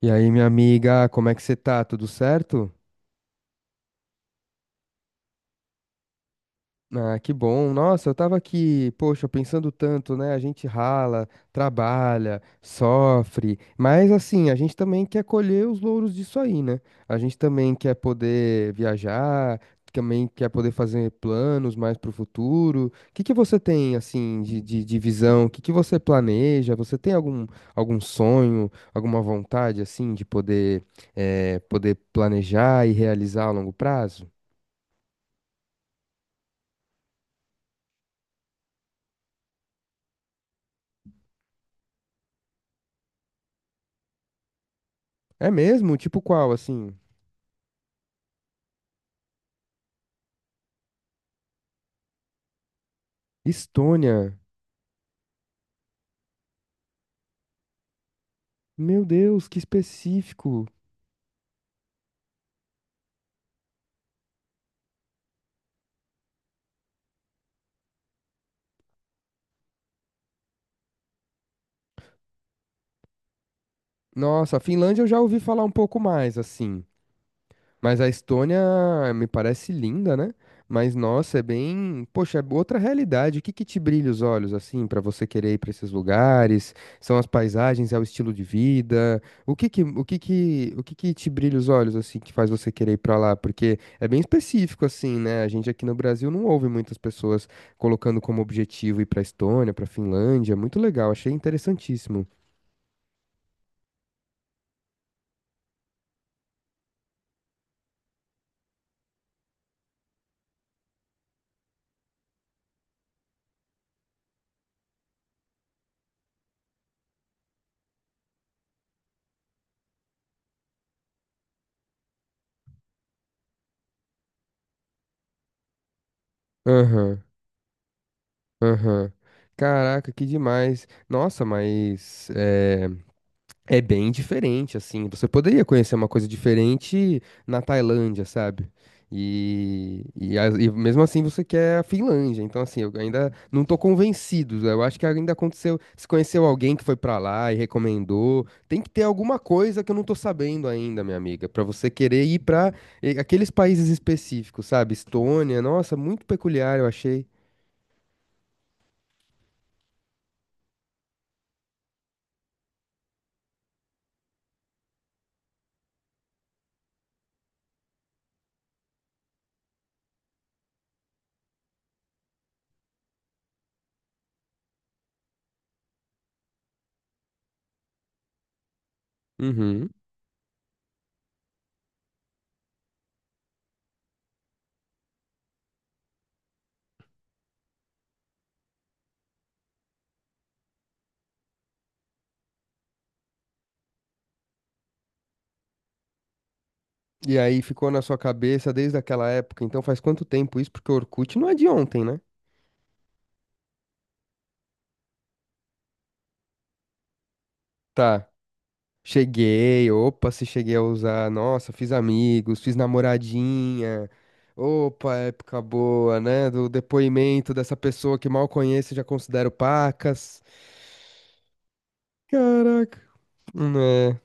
E aí, minha amiga, como é que você tá? Tudo certo? Ah, que bom. Nossa, eu tava aqui, poxa, pensando tanto, né? A gente rala, trabalha, sofre, mas assim, a gente também quer colher os louros disso aí, né? A gente também quer poder viajar, também quer poder fazer planos mais pro futuro. O que que você tem, assim, de visão? O que que você planeja? Você tem algum, algum sonho, alguma vontade, assim, de poder, poder planejar e realizar a longo prazo? É mesmo? Tipo qual, assim? Estônia. Meu Deus, que específico. Nossa, a Finlândia eu já ouvi falar um pouco mais, assim. Mas a Estônia me parece linda, né? Mas nossa, é bem, poxa, é outra realidade. O que que te brilha os olhos assim pra você querer ir pra esses lugares? São as paisagens, é o estilo de vida? O que que, o que que, o que que te brilha os olhos assim que faz você querer ir pra lá? Porque é bem específico assim, né? A gente aqui no Brasil não ouve muitas pessoas colocando como objetivo ir pra Estônia, pra Finlândia. Muito legal, achei interessantíssimo. Aham, aham. Caraca, que demais. Nossa, mas é bem diferente, assim. Você poderia conhecer uma coisa diferente na Tailândia, sabe? E mesmo assim você quer a Finlândia. Então, assim, eu ainda não tô convencido. Eu acho que ainda aconteceu. Se conheceu alguém que foi pra lá e recomendou, tem que ter alguma coisa que eu não tô sabendo ainda, minha amiga, pra você querer ir pra aqueles países específicos, sabe? Estônia, nossa, muito peculiar, eu achei. Uhum. E aí ficou na sua cabeça desde aquela época. Então, faz quanto tempo isso? Porque o Orkut não é de ontem, né? Tá. Cheguei, opa, se cheguei a usar, nossa, fiz amigos, fiz namoradinha. Opa, época boa, né? Do depoimento dessa pessoa que mal conheço e já considero pacas. Caraca. Né.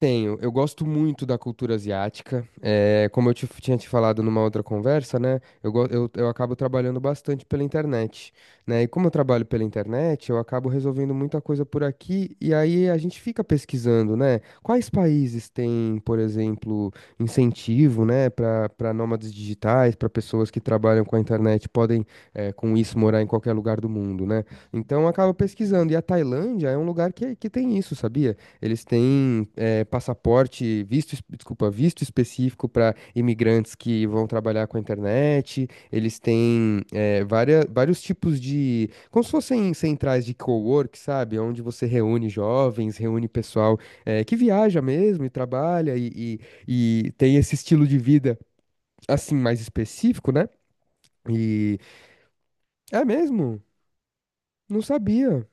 Tenho, eu gosto muito da cultura asiática. É, como eu tinha te falado numa outra conversa, né? Eu acabo trabalhando bastante pela internet, né? E como eu trabalho pela internet, eu acabo resolvendo muita coisa por aqui. E aí a gente fica pesquisando, né? Quais países têm, por exemplo, incentivo, né? Para nômades digitais, para pessoas que trabalham com a internet, podem, com isso, morar em qualquer lugar do mundo, né? Então eu acabo pesquisando. E a Tailândia é um lugar que tem isso, sabia? Eles têm é passaporte, visto, desculpa, visto específico para imigrantes que vão trabalhar com a internet. Eles têm vários tipos de, como se fossem centrais de cowork, sabe? Onde você reúne jovens, reúne pessoal que viaja mesmo e trabalha e tem esse estilo de vida assim mais específico, né? E é mesmo? Não sabia.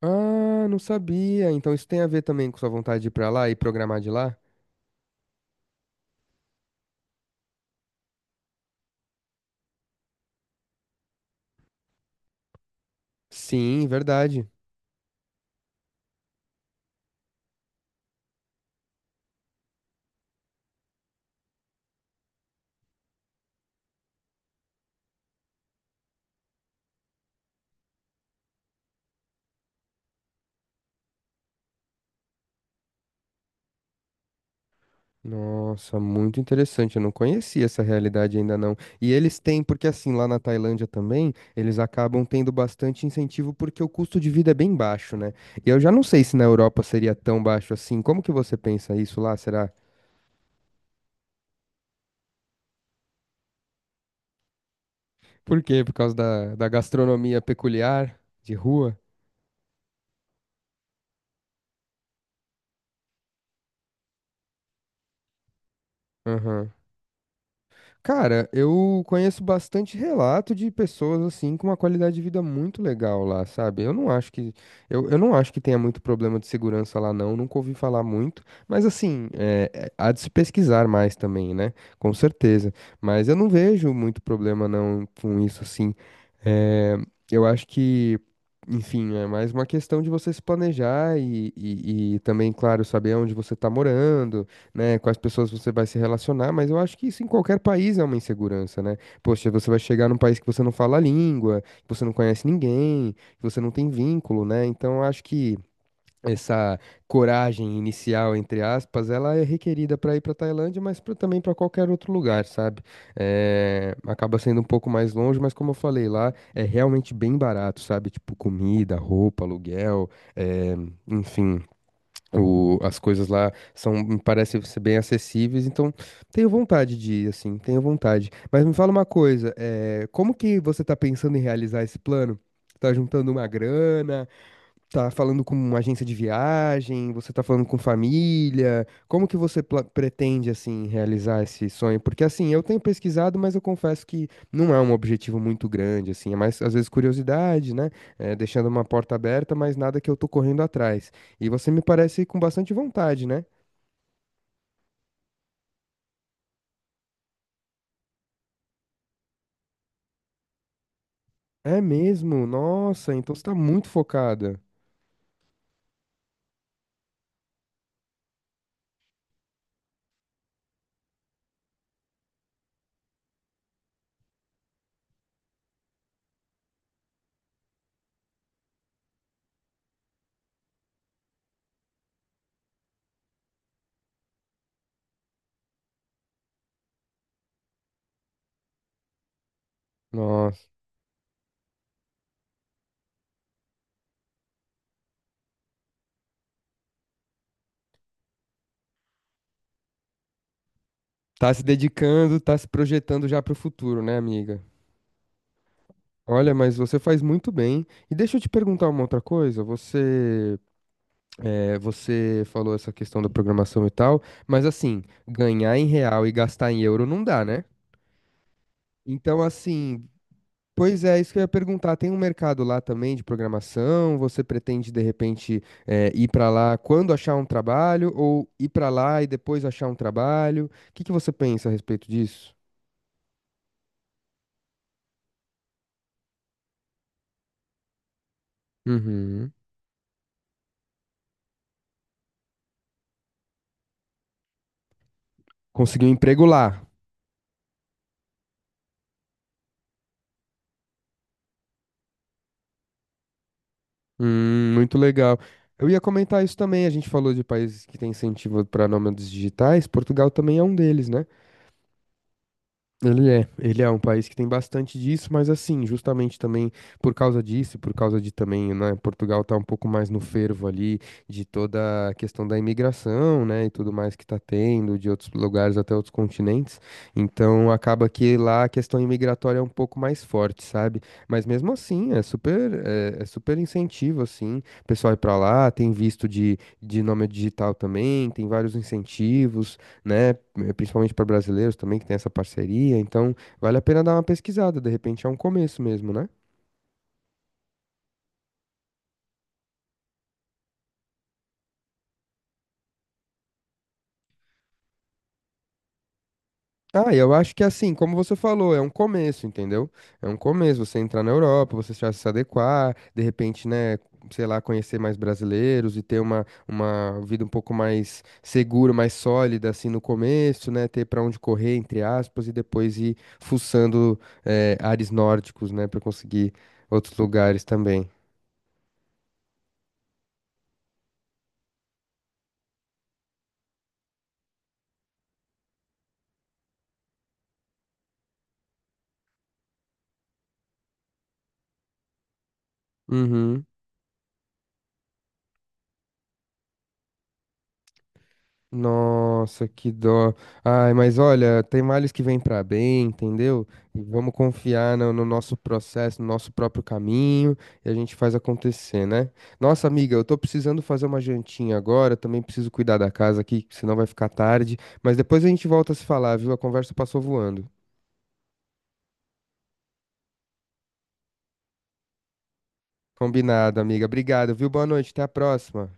Ah, não sabia. Então isso tem a ver também com sua vontade de ir pra lá e programar de lá? Sim, verdade. Nossa, muito interessante. Eu não conhecia essa realidade ainda não. E eles têm, porque assim, lá na Tailândia também, eles acabam tendo bastante incentivo porque o custo de vida é bem baixo, né? E eu já não sei se na Europa seria tão baixo assim. Como que você pensa isso lá? Será? Por quê? Por causa da gastronomia peculiar de rua? Aham. Cara, eu conheço bastante relato de pessoas assim com uma qualidade de vida muito legal lá, sabe? Eu não acho que tenha muito problema de segurança lá não, nunca ouvi falar muito, mas assim, há de se pesquisar mais também, né? Com certeza. Mas eu não vejo muito problema não com isso assim. É, eu acho que enfim, é mais uma questão de você se planejar e também, claro, saber onde você está morando, né, com as pessoas você vai se relacionar, mas eu acho que isso em qualquer país é uma insegurança, né? Poxa, você vai chegar num país que você não fala a língua, que você não conhece ninguém, que você não tem vínculo, né? Então eu acho que essa coragem inicial, entre aspas, ela é requerida para ir para Tailândia, mas também para qualquer outro lugar, sabe? É, acaba sendo um pouco mais longe, mas como eu falei lá, é realmente bem barato, sabe? Tipo comida, roupa, aluguel, é, enfim, as coisas lá são, me parecem ser bem acessíveis, então tenho vontade de ir, assim, tenho vontade. Mas me fala uma coisa, é, como que você está pensando em realizar esse plano? Tá juntando uma grana? Tá falando com uma agência de viagem? Você tá falando com família? Como que você pretende, assim, realizar esse sonho? Porque, assim, eu tenho pesquisado, mas eu confesso que não é um objetivo muito grande, assim. É mais, às vezes, curiosidade, né? É, deixando uma porta aberta, mas nada que eu tô correndo atrás. E você me parece com bastante vontade, né? É mesmo? Nossa, então você tá muito focada. Nossa, tá se dedicando, tá se projetando já pro futuro, né, amiga? Olha, mas você faz muito bem. E deixa eu te perguntar uma outra coisa. Você, é, você falou essa questão da programação e tal, mas assim, ganhar em real e gastar em euro não dá, né? Então, assim, pois é, isso que eu ia perguntar. Tem um mercado lá também de programação? Você pretende, de repente, é, ir pra lá quando achar um trabalho ou ir pra lá e depois achar um trabalho? O que que você pensa a respeito disso? Uhum. Conseguir um emprego lá. Muito legal. Eu ia comentar isso também. A gente falou de países que têm incentivo para nômades digitais. Portugal também é um deles, né? Ele é um país que tem bastante disso, mas assim, justamente também por causa disso, e por causa de também, né, Portugal tá um pouco mais no fervo ali de toda a questão da imigração, né, e tudo mais que tá tendo de outros lugares até outros continentes. Então acaba que lá a questão imigratória é um pouco mais forte, sabe? Mas mesmo assim, é super incentivo assim, o pessoal ir pra lá, tem visto de nome digital também, tem vários incentivos né? Principalmente para brasileiros também que tem essa parceria, então vale a pena dar uma pesquisada, de repente é um começo mesmo, né? Ah, eu acho que assim, como você falou, é um começo, entendeu? É um começo, você entrar na Europa, você já se adequar, de repente, né, sei lá, conhecer mais brasileiros e ter uma vida um pouco mais segura, mais sólida, assim, no começo, né, ter para onde correr, entre aspas, e depois ir fuçando, ares nórdicos, né, para conseguir outros lugares também. Uhum. Nossa, que dó. Ai, mas olha, tem males que vêm pra bem, entendeu? E vamos confiar no, no nosso processo, no nosso próprio caminho, e a gente faz acontecer, né? Nossa, amiga, eu tô precisando fazer uma jantinha agora, também preciso cuidar da casa aqui, que senão vai ficar tarde. Mas depois a gente volta a se falar, viu? A conversa passou voando. Combinado, amiga. Obrigado, viu? Boa noite, até a próxima.